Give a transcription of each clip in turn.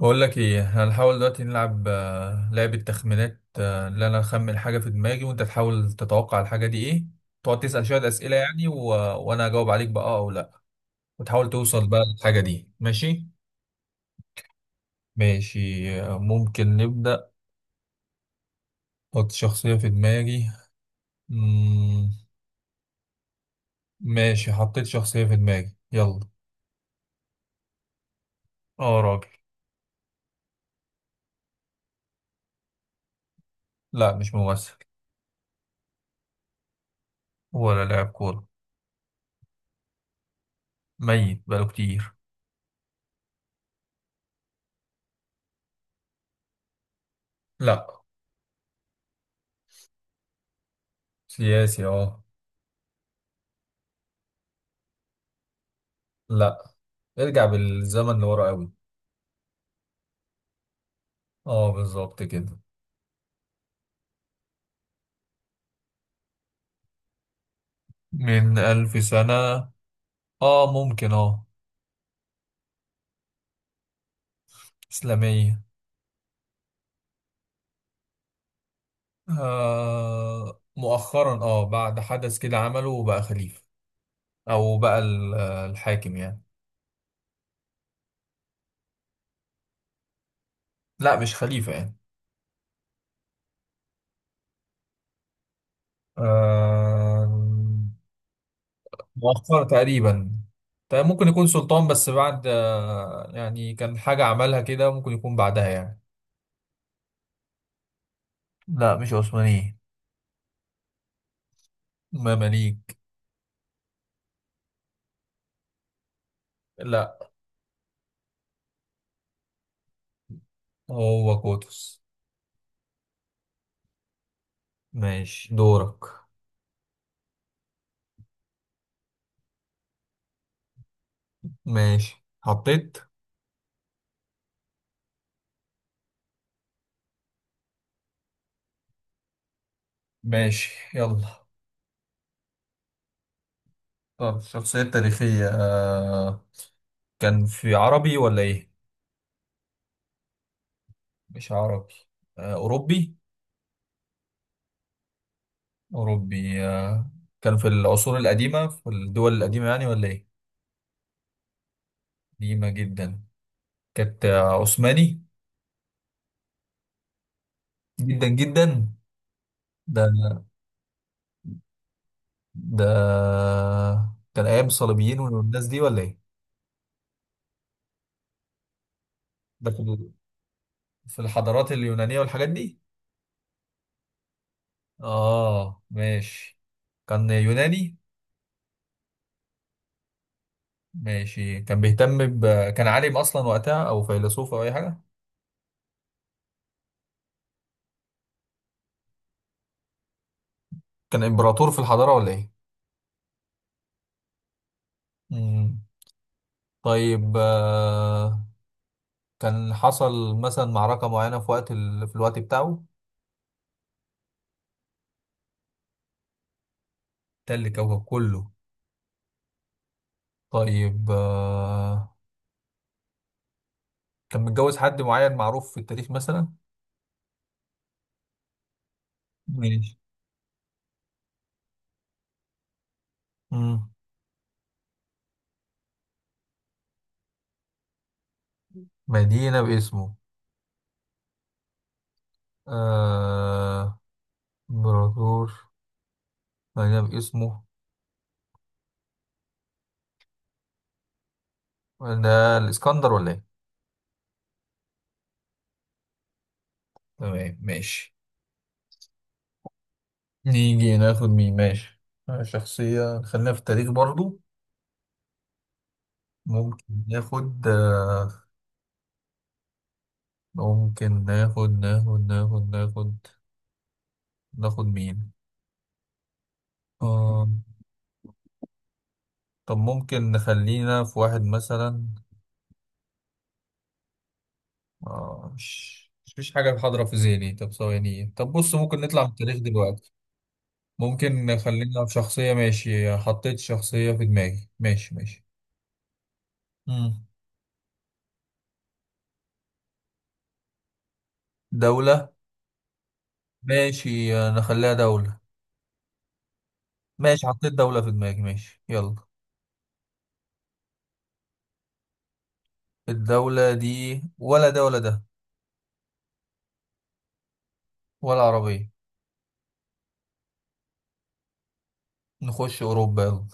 بقول لك ايه، هنحاول دلوقتي نلعب لعبة تخمينات اللي انا اخمن حاجة في دماغي وانت تحاول تتوقع الحاجة دي ايه. تقعد تسأل شوية أسئلة يعني وانا اجاوب عليك بقى او لا، وتحاول توصل بقى للحاجة دي. ماشي. ماشي، ممكن نبدأ. حط شخصية في دماغي. مم... ماشي، حطيت شخصية في دماغي، يلا. اه راجل. لا مش ممثل. ولا لاعب كورة. ميت بقاله كتير. لا. سياسي اه. لا. ارجع بالزمن لورا قوي. اه بالظبط كده. من 1000 سنة. اه ممكن اه. إسلامية. آه مؤخرا بعد حدث كده عمله وبقى خليفة. أو بقى ال- الحاكم يعني. لا مش خليفة يعني. آه، مؤخرا تقريبا. طيب ممكن يكون سلطان، بس بعد يعني كان حاجة عملها كده، ممكن يكون بعدها يعني. لا مش عثمانية. مماليك. لا. هو قطز. ماشي دورك. ماشي حطيت. ماشي يلا. طب شخصية تاريخية، كان في عربي ولا إيه؟ مش عربي. آه أوروبي. أوروبي كان في العصور القديمة، في الدول القديمة يعني ولا إيه؟ قديمة جدا. كانت عثماني. جدا جدا. ده. ده. كان أيام الصليبيين والناس دي ولا إيه؟ ده في ال- في الحضارات اليونانية والحاجات دي؟ آه ماشي. كان يوناني. ماشي، كان بيهتم كان عالم اصلا وقتها، او فيلسوف، او اي حاجه. كان امبراطور في الحضاره ولا ايه. مم. طيب كان حصل مثلا معركه معينه في وقت في الوقت بتاعه. تل كوكب كله. طيب، كان متجوز حد معين معروف في التاريخ مثلا. ماشي. مم. مدينه باسمه. آه، امبراطور. مدينه باسمه. ده الاسكندر ولا ايه. تمام ماشي. نيجي ناخد مين. ماشي، شخصية خلينا في التاريخ برضو. ممكن ناخد آه، ممكن ناخد مين. آه، طب ممكن نخلينا في واحد مثلا. مش فيش حاجة حاضرة في ذهني. طب ثواني، طب بص، ممكن نطلع من التاريخ دلوقتي. ممكن نخلينا في شخصية. ماشي، حطيت شخصية في دماغي، ماشي ماشي. مم. دولة. ماشي، نخليها دولة. ماشي، حطيت دولة في دماغي، ماشي يلا. الدولة دي ولا ده ولا ده. ولا عربية. نخش أوروبا يلا.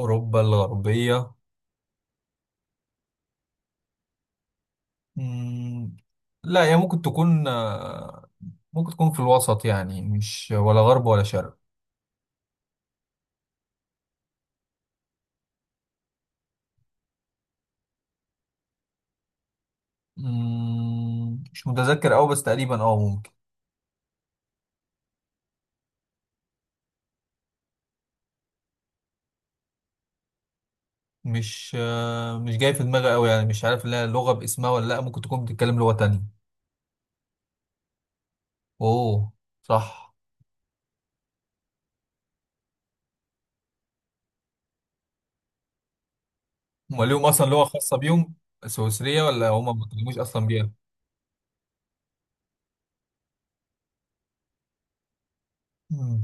أوروبا الغربية. مم. لا هي ممكن تكون ممكن تكون في الوسط يعني، مش ولا غرب ولا شرق. مم. مش متذكر أوي، بس تقريبا اه ممكن. مش مش جاي في دماغي أوي يعني، مش عارف لها لغة باسمها ولا لأ، ممكن تكون بتتكلم لغة تانية. أوه. صح. هما ليهم أصلا لغة خاصة بيهم؟ سويسرية ولا هما ما بيتكلموش أصلا بيها؟ مم.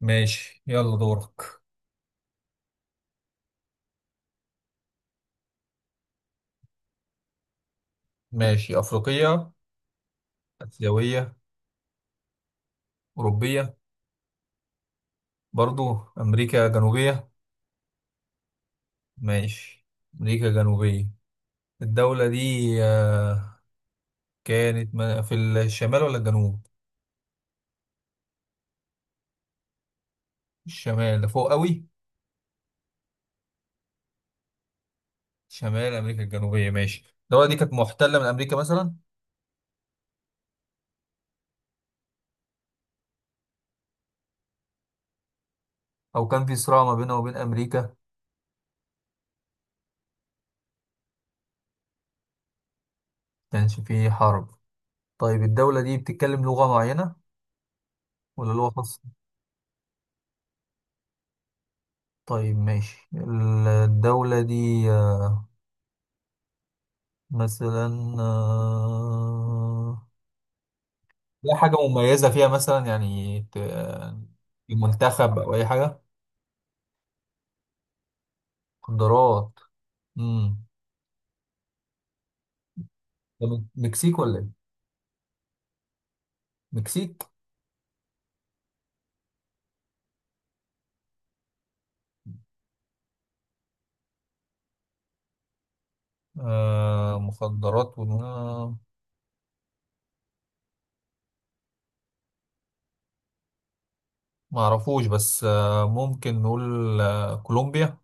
ماشي يلا دورك. ماشي. أفريقية؟ آسيوية؟ أوروبية؟ برضو. أمريكا جنوبية؟ ماشي. أمريكا جنوبية. الدولة دي آه، كانت في الشمال ولا الجنوب؟ الشمال ده فوق قوي؟ شمال أمريكا الجنوبية. ماشي. الدولة دي كانت محتلة من أمريكا مثلا؟ أو كان في صراع ما بينها وبين أمريكا؟ كانش في حرب. طيب الدولة دي بتتكلم لغة معينة ولا لغة خاصة؟ طيب ماشي. الدولة دي مثلا آه، ليها حاجة مميزة فيها مثلا يعني، المنتخب أو أي حاجة. مخدرات. امم طب مكسيك ولا إيه؟ مكسيك. آه مخدرات و... آه، معرفوش، بس آه ممكن نقول آه كولومبيا.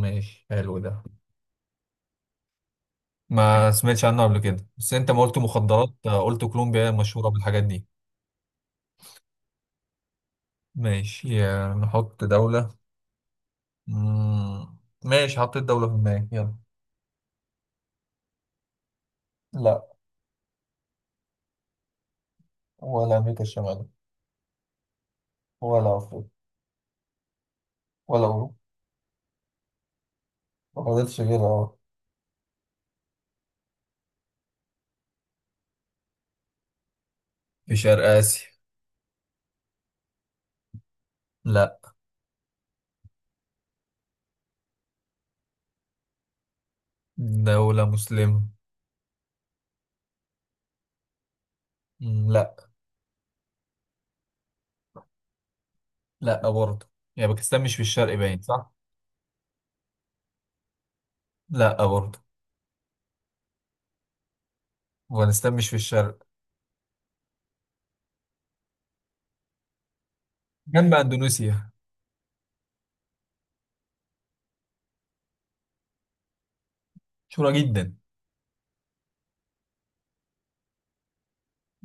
ماشي حلو ده. ما سمعتش عنه قبل كده، بس أنت ما قلت مخدرات قلت كولومبيا هي المشهورة بالحاجات دي. ماشي نحط دولة. مم. ماشي، حطيت دولة في دماغي، يلا. لا. ولا أمريكا الشمالية. ولا أفريقيا. ولا أوروبا. ما فضلش غيرها اه. في شرق آسيا. لا. دولة مسلمة. مم، لا. لا برضه. يعني باكستان مش في الشرق، باين صح؟ لا برضه. أفغانستان مش في الشرق. جنب أندونيسيا. مشهورة جدا.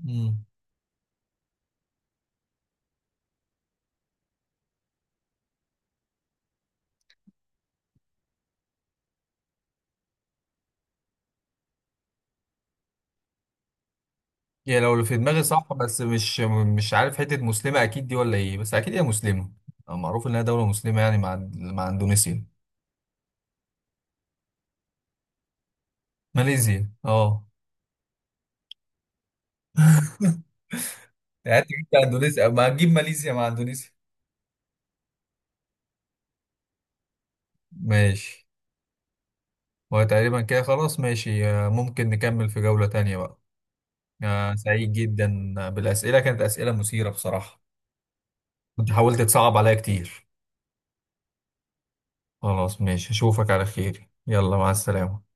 مم. يعني لو اللي في دماغي صح بس مش. مش عارف حتة مسلمة أكيد دي ولا إيه، بس أكيد هي مسلمة. معروف إنها دولة مسلمة يعني مع أندونيسيا. ماليزيا أه. يعني أنت جبت أندونيسيا، ما هتجيب ماليزيا مع أندونيسيا. ماشي. وتقريبا كده خلاص. ماشي، ممكن نكمل في جولة تانية بقى. سعيد جدا بالأسئلة، كانت أسئلة مثيرة بصراحة. كنت حاولت تصعب عليا كتير. خلاص ماشي، أشوفك على خير، يلا مع السلامة.